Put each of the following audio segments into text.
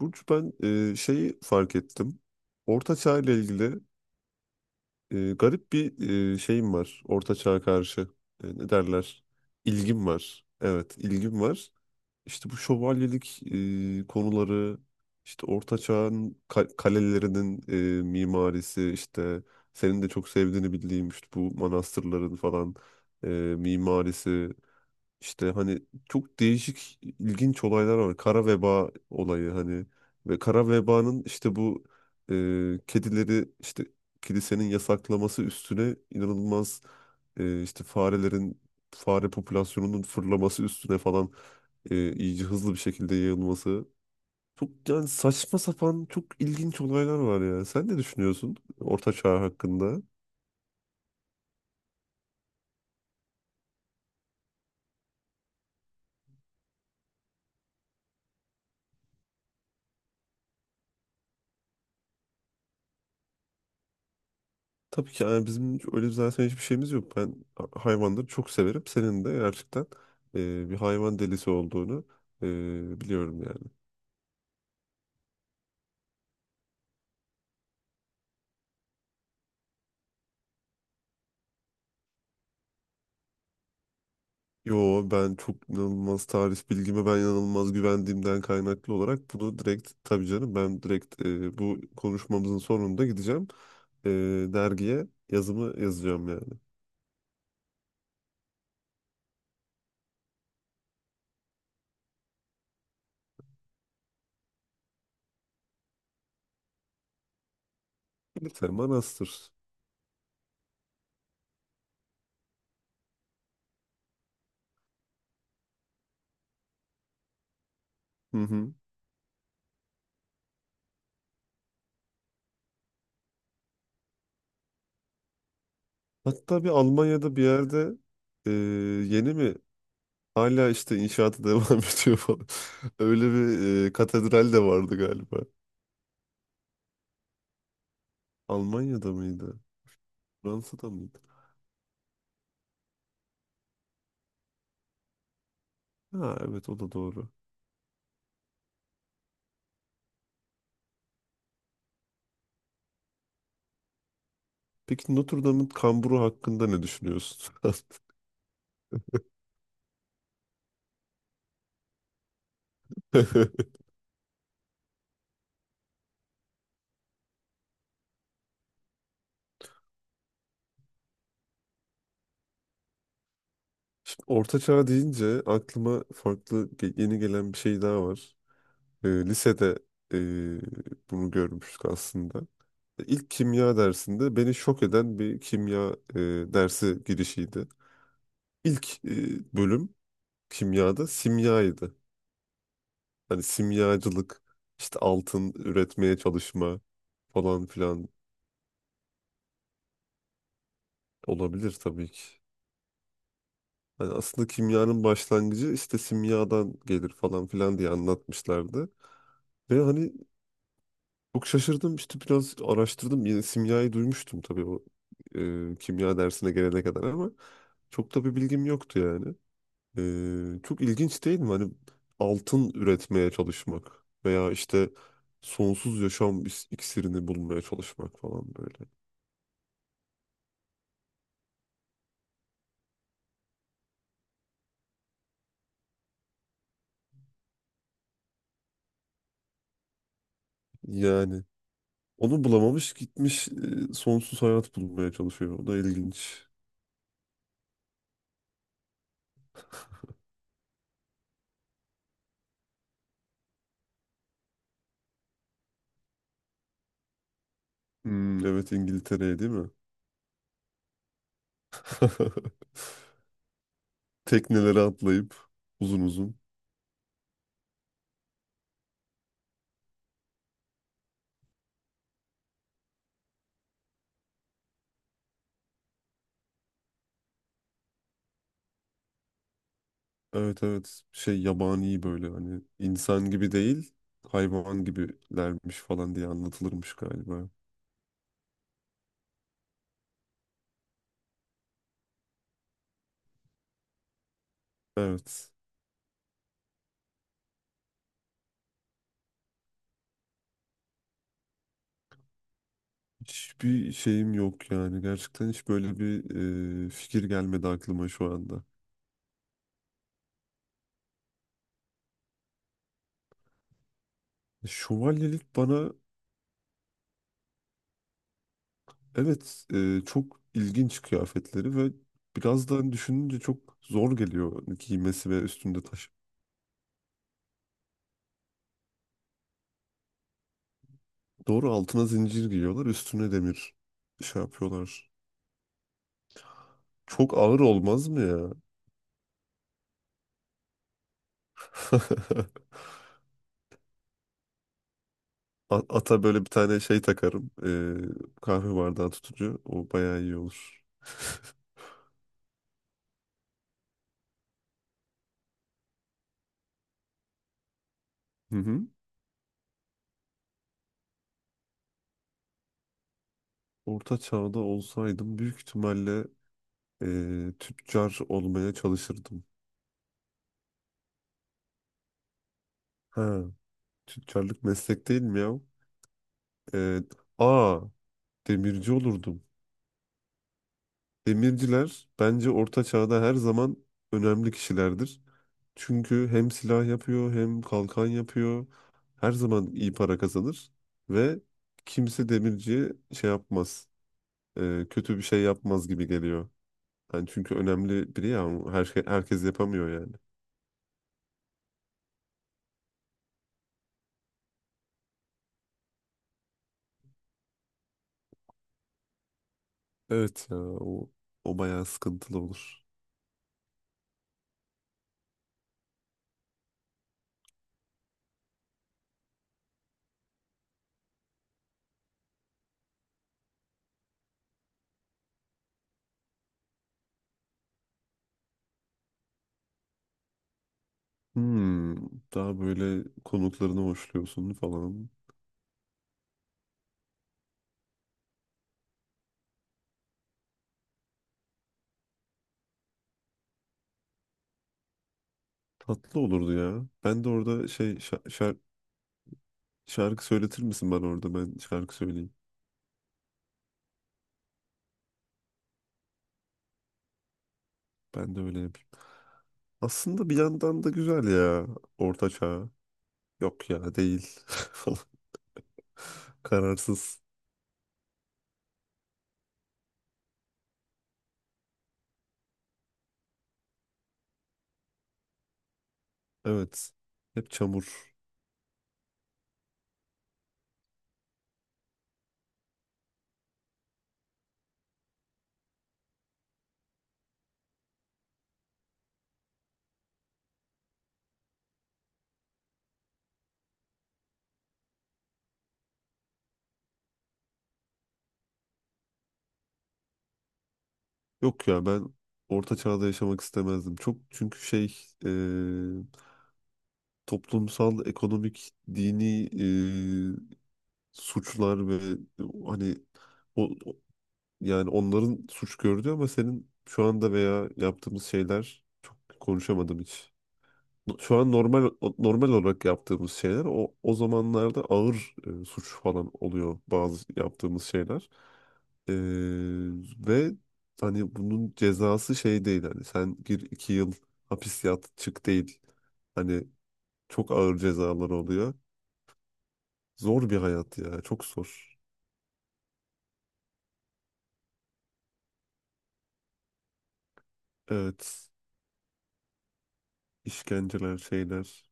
Burcu, ben şeyi fark ettim. Orta Çağ ile ilgili garip bir şeyim var. Orta Çağ'a karşı ne derler? İlgim var. Evet, ilgim var. İşte bu şövalyelik konuları, işte Orta Çağ'ın kalelerinin mimarisi, işte senin de çok sevdiğini bildiğim işte bu manastırların falan e, mimarisi. İşte hani çok değişik ilginç olaylar var. Kara veba olayı hani ve kara vebanın işte bu e, kedileri işte kilisenin yasaklaması üstüne inanılmaz işte farelerin fare popülasyonunun fırlaması üstüne falan iyice hızlı bir şekilde yayılması. Çok yani saçma sapan çok ilginç olaylar var ya. Sen ne düşünüyorsun Orta Çağ hakkında? Tabii ki yani bizim öyle zaten hiçbir şeyimiz yok. Ben hayvanları çok severim. Senin de gerçekten bir hayvan delisi olduğunu biliyorum yani. Yo, ben çok inanılmaz tarih bilgime ben inanılmaz güvendiğimden kaynaklı olarak bunu direkt tabii canım ben direkt bu konuşmamızın sonunda gideceğim. E, dergiye yazımı yazacağım yani. Lütfen manastır. Hı hı. Hatta bir Almanya'da bir yerde e, yeni mi hala işte inşaatı devam ediyor falan. Öyle bir katedral de vardı galiba. Almanya'da mıydı? Fransa'da mıydı? Ha, evet, o da doğru. Peki Notre Dame'ın kamburu hakkında ne düşünüyorsun? Şimdi Orta Çağ deyince aklıma farklı yeni gelen bir şey daha var. Lisede e, bunu görmüştük aslında. İlk kimya dersinde beni şok eden bir kimya dersi girişiydi. İlk bölüm kimyada simyaydı. Hani simyacılık, işte altın üretmeye çalışma falan filan olabilir tabii ki. Hani aslında kimyanın başlangıcı işte simyadan gelir falan filan diye anlatmışlardı. Ve hani çok şaşırdım, işte biraz araştırdım. Yine simyayı duymuştum tabii o kimya dersine gelene kadar ama çok da bir bilgim yoktu yani. Çok ilginç değil mi? Hani altın üretmeye çalışmak veya işte sonsuz yaşam iksirini bulmaya çalışmak falan böyle. Yani onu bulamamış gitmiş sonsuz hayat bulmaya çalışıyor. O da ilginç. Hmm, evet, İngiltere'ye değil mi? Teknelere atlayıp uzun uzun. Evet, evet, şey yabani böyle hani insan gibi değil hayvan gibilermiş falan diye anlatılırmış galiba. Evet. Hiçbir şeyim yok yani. Gerçekten hiç böyle bir fikir gelmedi aklıma şu anda. Şövalyelik bana. Evet, çok ilginç kıyafetleri ve biraz da hani düşününce çok zor geliyor giymesi ve üstünde taşı. Doğru, altına zincir giyiyorlar, üstüne demir şey yapıyorlar. Çok ağır olmaz mı ya? Ata böyle bir tane şey takarım. Kahve bardağı tutucu. O bayağı iyi olur. Hı hı. Orta çağda olsaydım büyük ihtimalle tüccar olmaya çalışırdım. Ha, tüccarlık meslek değil mi ya? E, aa Demirci olurdum. Demirciler bence Orta Çağ'da her zaman önemli kişilerdir. Çünkü hem silah yapıyor hem kalkan yapıyor. Her zaman iyi para kazanır ve kimse demirciye şey yapmaz. Kötü bir şey yapmaz gibi geliyor. Yani çünkü önemli biri ya, her şey, herkes yapamıyor yani. Evet ya, o bayağı sıkıntılı olur. Hmm, daha böyle konuklarını hoşluyorsun falan. Tatlı olurdu ya. Ben de orada şey. Şarkı söyletir misin bana orada? Ben şarkı söyleyeyim. Ben de öyle yapayım. Aslında bir yandan da güzel ya. Orta çağ. Yok ya, değil. Falan. Kararsız. Evet. Hep çamur. Yok ya, ben orta çağda yaşamak istemezdim. Çok çünkü şey e, toplumsal, ekonomik, dini e, suçlar ve hani o, o- yani onların suç gördüğü ama senin şu anda veya yaptığımız şeyler çok konuşamadım hiç. No, şu an normal olarak yaptığımız şeyler o zamanlarda ağır suç falan oluyor bazı yaptığımız şeyler. E, ve hani bunun cezası şey değil, hani sen gir iki yıl hapis yat çık değil. Hani çok ağır cezalar oluyor. Zor bir hayat ya, çok zor. Evet, işkenceler şeyler.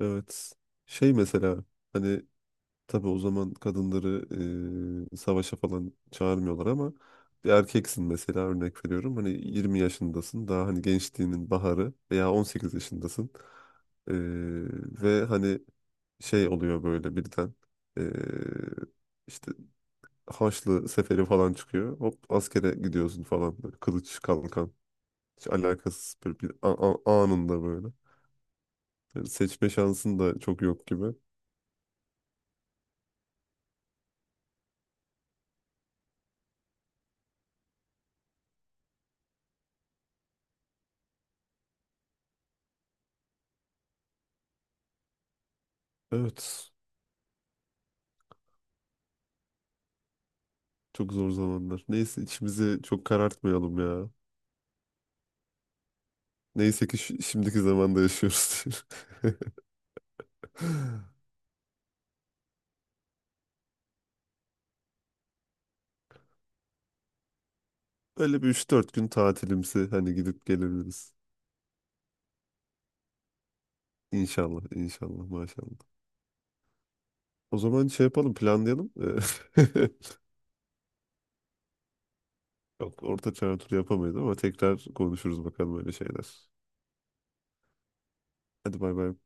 Evet, şey mesela hani tabii o zaman kadınları savaşa falan çağırmıyorlar ama bir erkeksin, mesela örnek veriyorum. Hani 20 yaşındasın daha, hani gençliğinin baharı veya 18 yaşındasın. E, ve hani şey oluyor böyle birden e, işte Haçlı seferi falan çıkıyor. Hop askere gidiyorsun falan böyle kılıç kalkan. Hiç alakasız bir anında böyle. Yani seçme şansın da çok yok gibi. Evet. Çok zor zamanlar. Neyse içimizi çok karartmayalım ya. Neyse ki şimdiki zamanda yaşıyoruz. Böyle bir üç dört gün tatilimsi hani gidip gelebiliriz. İnşallah, inşallah, maşallah. O zaman şey yapalım, planlayalım. Yok, orta çağ turu yapamayız ama tekrar konuşuruz bakalım öyle şeyler. Hadi bay bay.